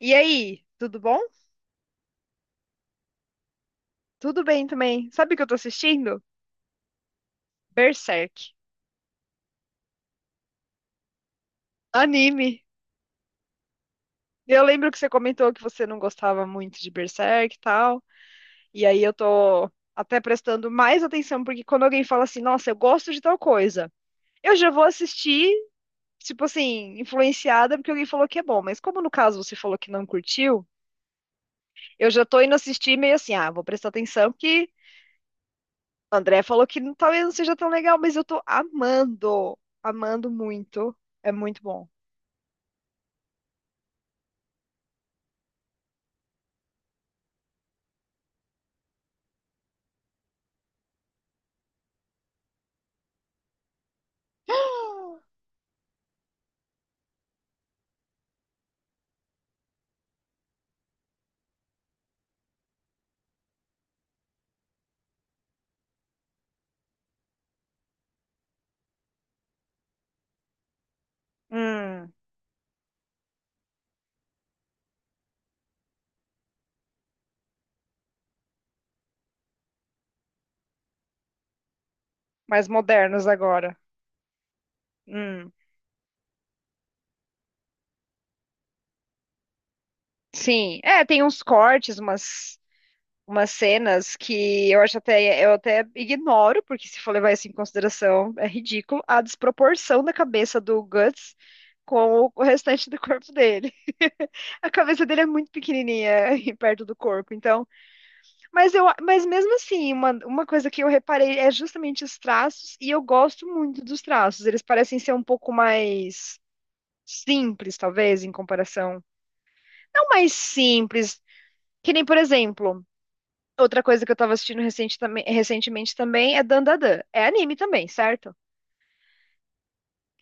E aí, tudo bom? Tudo bem também. Sabe o que eu tô assistindo? Berserk. Anime. Eu lembro que você comentou que você não gostava muito de Berserk e tal. E aí eu tô até prestando mais atenção, porque quando alguém fala assim, nossa, eu gosto de tal coisa, eu já vou assistir, tipo assim, influenciada porque alguém falou que é bom. Mas como no caso você falou que não curtiu, eu já tô indo assistir meio assim, ah, vou prestar atenção porque o André falou que talvez não seja tão legal, mas eu tô amando, amando muito. É muito bom. Hum, mais modernos agora. Hum, sim. É, tem uns cortes, umas cenas que eu acho até, eu até ignoro, porque se for levar isso em consideração, é ridículo, a desproporção da cabeça do Guts com o restante do corpo dele. A cabeça dele é muito pequenininha perto do corpo, então. Mas mesmo assim, uma coisa que eu reparei é justamente os traços, e eu gosto muito dos traços. Eles parecem ser um pouco mais simples, talvez, em comparação. Não mais simples, que nem, por exemplo, outra coisa que eu tava assistindo recentemente também é Dandadan. É anime também, certo?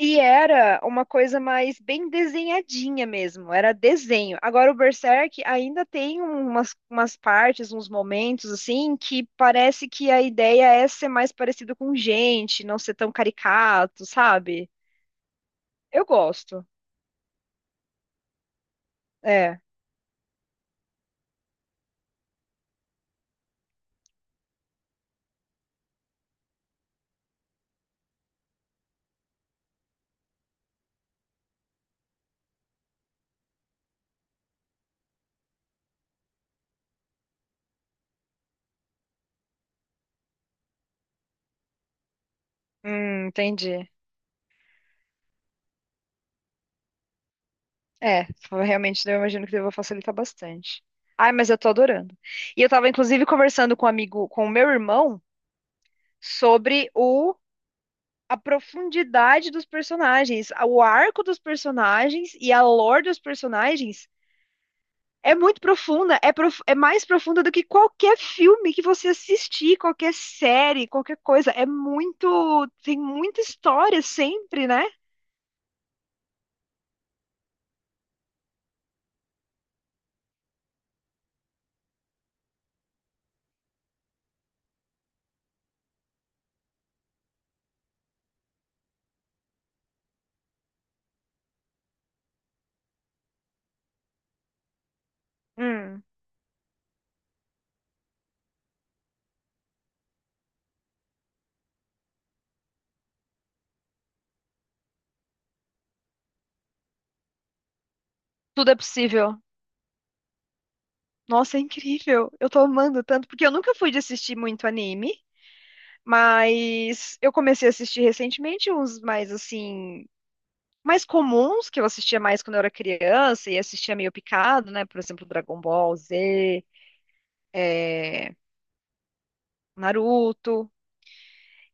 E era uma coisa mais bem desenhadinha mesmo, era desenho. Agora o Berserk ainda tem umas partes, uns momentos assim, que parece que a ideia é ser mais parecido com gente, não ser tão caricato, sabe? Eu gosto. É, hum, entendi. É, realmente eu imagino que deva facilitar bastante. Ai, mas eu tô adorando. E eu tava inclusive conversando com um amigo, com o meu irmão, sobre o a profundidade dos personagens, o arco dos personagens e a lore dos personagens é muito profunda, é mais profunda do que qualquer filme que você assistir, qualquer série, qualquer coisa. É muito, tem muita história sempre, né? Hum, tudo é possível. Nossa, é incrível. Eu tô amando tanto, porque eu nunca fui de assistir muito anime, mas eu comecei a assistir recentemente uns mais assim, mais comuns que eu assistia mais quando eu era criança e assistia meio picado, né? Por exemplo, Dragon Ball Z, é, Naruto.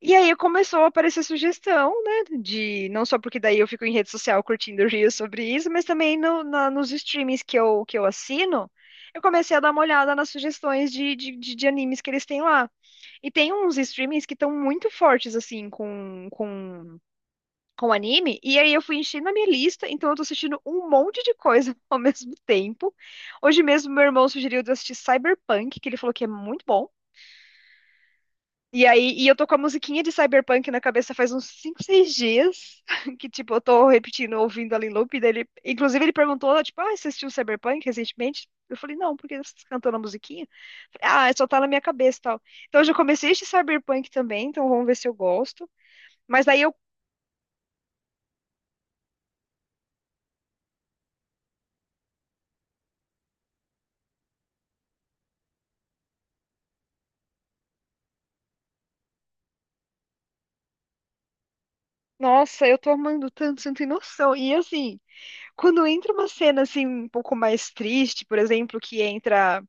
E aí começou a aparecer sugestão, né? De não só porque daí eu fico em rede social curtindo reels sobre isso, mas também nos streamings que que eu assino, eu comecei a dar uma olhada nas sugestões de, de animes que eles têm lá. E tem uns streamings que estão muito fortes, assim, com anime. E aí eu fui enchendo a minha lista, então eu tô assistindo um monte de coisa ao mesmo tempo. Hoje mesmo, meu irmão sugeriu de eu assistir Cyberpunk, que ele falou que é muito bom. E eu tô com a musiquinha de Cyberpunk na cabeça faz uns 5 6 dias, que tipo, eu tô repetindo, ouvindo ali em loop dele. Inclusive, ele perguntou, tipo, ah, você assistiu Cyberpunk recentemente? Eu falei, não, porque você cantou na musiquinha? Ah, é, só tá na minha cabeça e tal. Então, eu já comecei este Cyberpunk também, então vamos ver se eu gosto. Mas daí eu, nossa, eu tô amando tanto, você não tem noção. E assim, quando entra uma cena assim, um pouco mais triste, por exemplo, que entra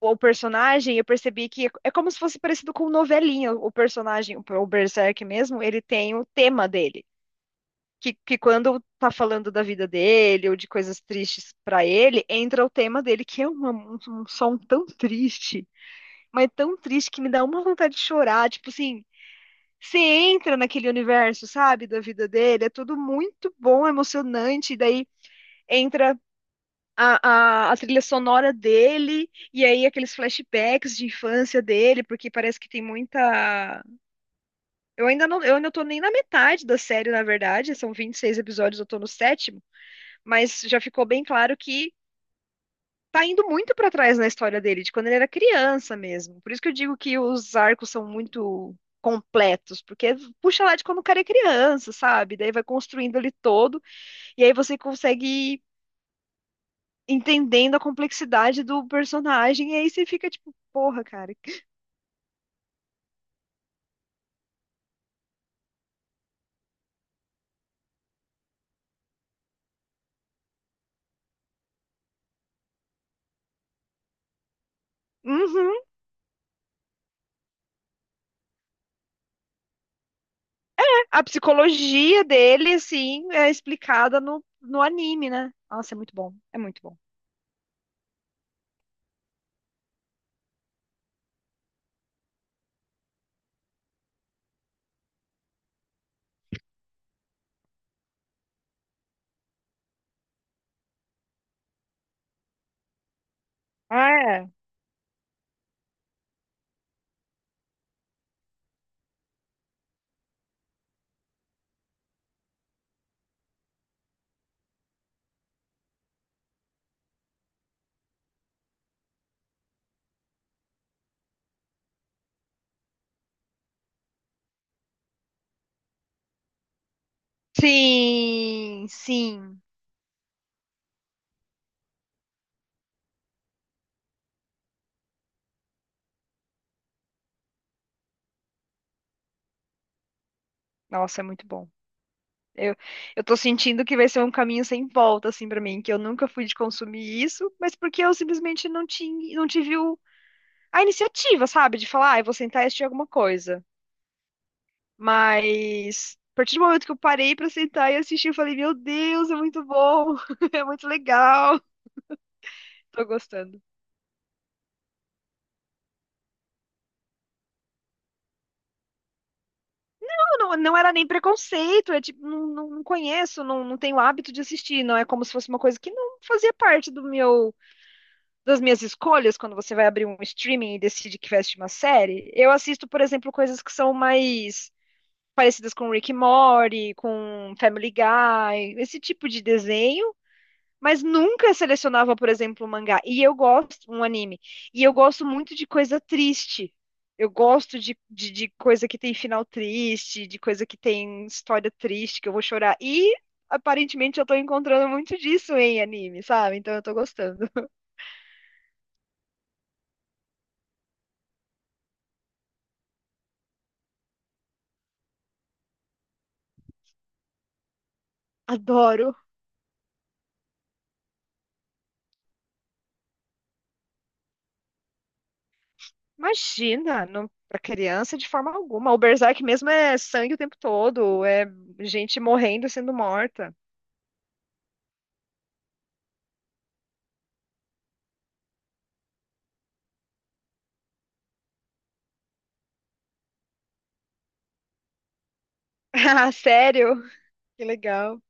o personagem, eu percebi que é como se fosse parecido com novelinha. O personagem, o Berserk mesmo, ele tem o tema dele. Que quando tá falando da vida dele ou de coisas tristes pra ele, entra o tema dele, que é um som tão triste, mas tão triste que me dá uma vontade de chorar. Tipo assim, você entra naquele universo, sabe, da vida dele, é tudo muito bom, emocionante, e daí entra a trilha sonora dele, e aí aqueles flashbacks de infância dele, porque parece que tem muita. Eu ainda não, eu ainda tô nem na metade da série, na verdade, são 26 episódios, eu tô no sétimo, mas já ficou bem claro que tá indo muito pra trás na história dele, de quando ele era criança mesmo. Por isso que eu digo que os arcos são muito completos, porque puxa lá de quando o cara é criança, sabe? Daí vai construindo ele todo, e aí você consegue entendendo a complexidade do personagem, e aí você fica tipo, porra, cara. Uhum. A psicologia dele, assim, é explicada no anime, né? Nossa, é muito bom. É muito bom. Ah, é. Sim, sim. Nossa, é muito bom. Eu, eu tô sentindo que vai ser um caminho sem volta, assim, pra mim, que eu nunca fui de consumir isso, mas porque eu simplesmente não tinha, não tive a iniciativa, sabe? De falar, ah, eu vou sentar e assistir alguma coisa. Mas a partir do momento que eu parei pra sentar e assistir, eu falei, meu Deus, é muito bom, é muito legal, tô gostando. Não, não, não era nem preconceito, é tipo, não, não, não conheço, não, não tenho hábito de assistir, não é como se fosse uma coisa que não fazia parte do meu, das minhas escolhas quando você vai abrir um streaming e decide que vai assistir uma série. Eu assisto, por exemplo, coisas que são mais parecidas com Rick and Morty, com Family Guy, esse tipo de desenho mas nunca selecionava, por exemplo, um mangá. E eu gosto, um anime. E eu gosto muito de coisa triste. Eu gosto de coisa que tem final triste, de coisa que tem história triste, que eu vou chorar. E aparentemente eu tô encontrando muito disso em anime, sabe? Então eu tô gostando. Adoro. Imagina, não, pra criança de forma alguma. O Berserk mesmo é sangue o tempo todo, é gente morrendo e sendo morta. Ah, sério? Que legal.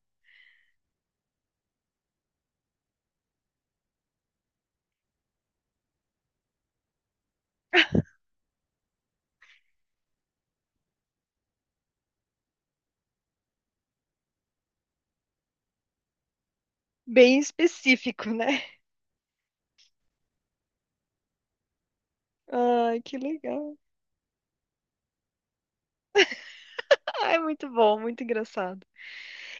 Bem específico, né? Ai, que legal. Ai, muito bom, muito engraçado.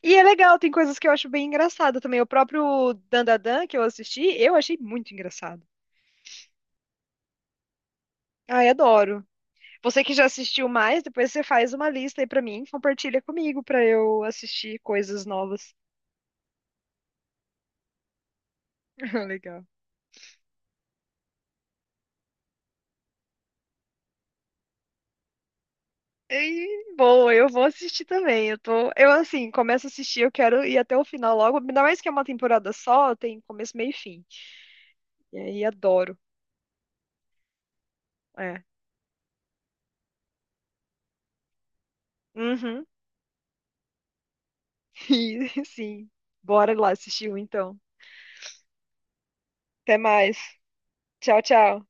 E é legal, tem coisas que eu acho bem engraçado também. O próprio Dandadan que eu assisti, eu achei muito engraçado. Ai, adoro. Você que já assistiu mais, depois você faz uma lista aí pra mim, compartilha comigo pra eu assistir coisas novas. Legal. E, boa, eu vou assistir também. Eu tô, eu assim, começo a assistir, eu quero ir até o final logo, ainda mais que é uma temporada só, tem começo, meio e fim. E aí adoro. É. Uhum. E, sim, bora lá assistir um então. Até mais. Tchau, tchau.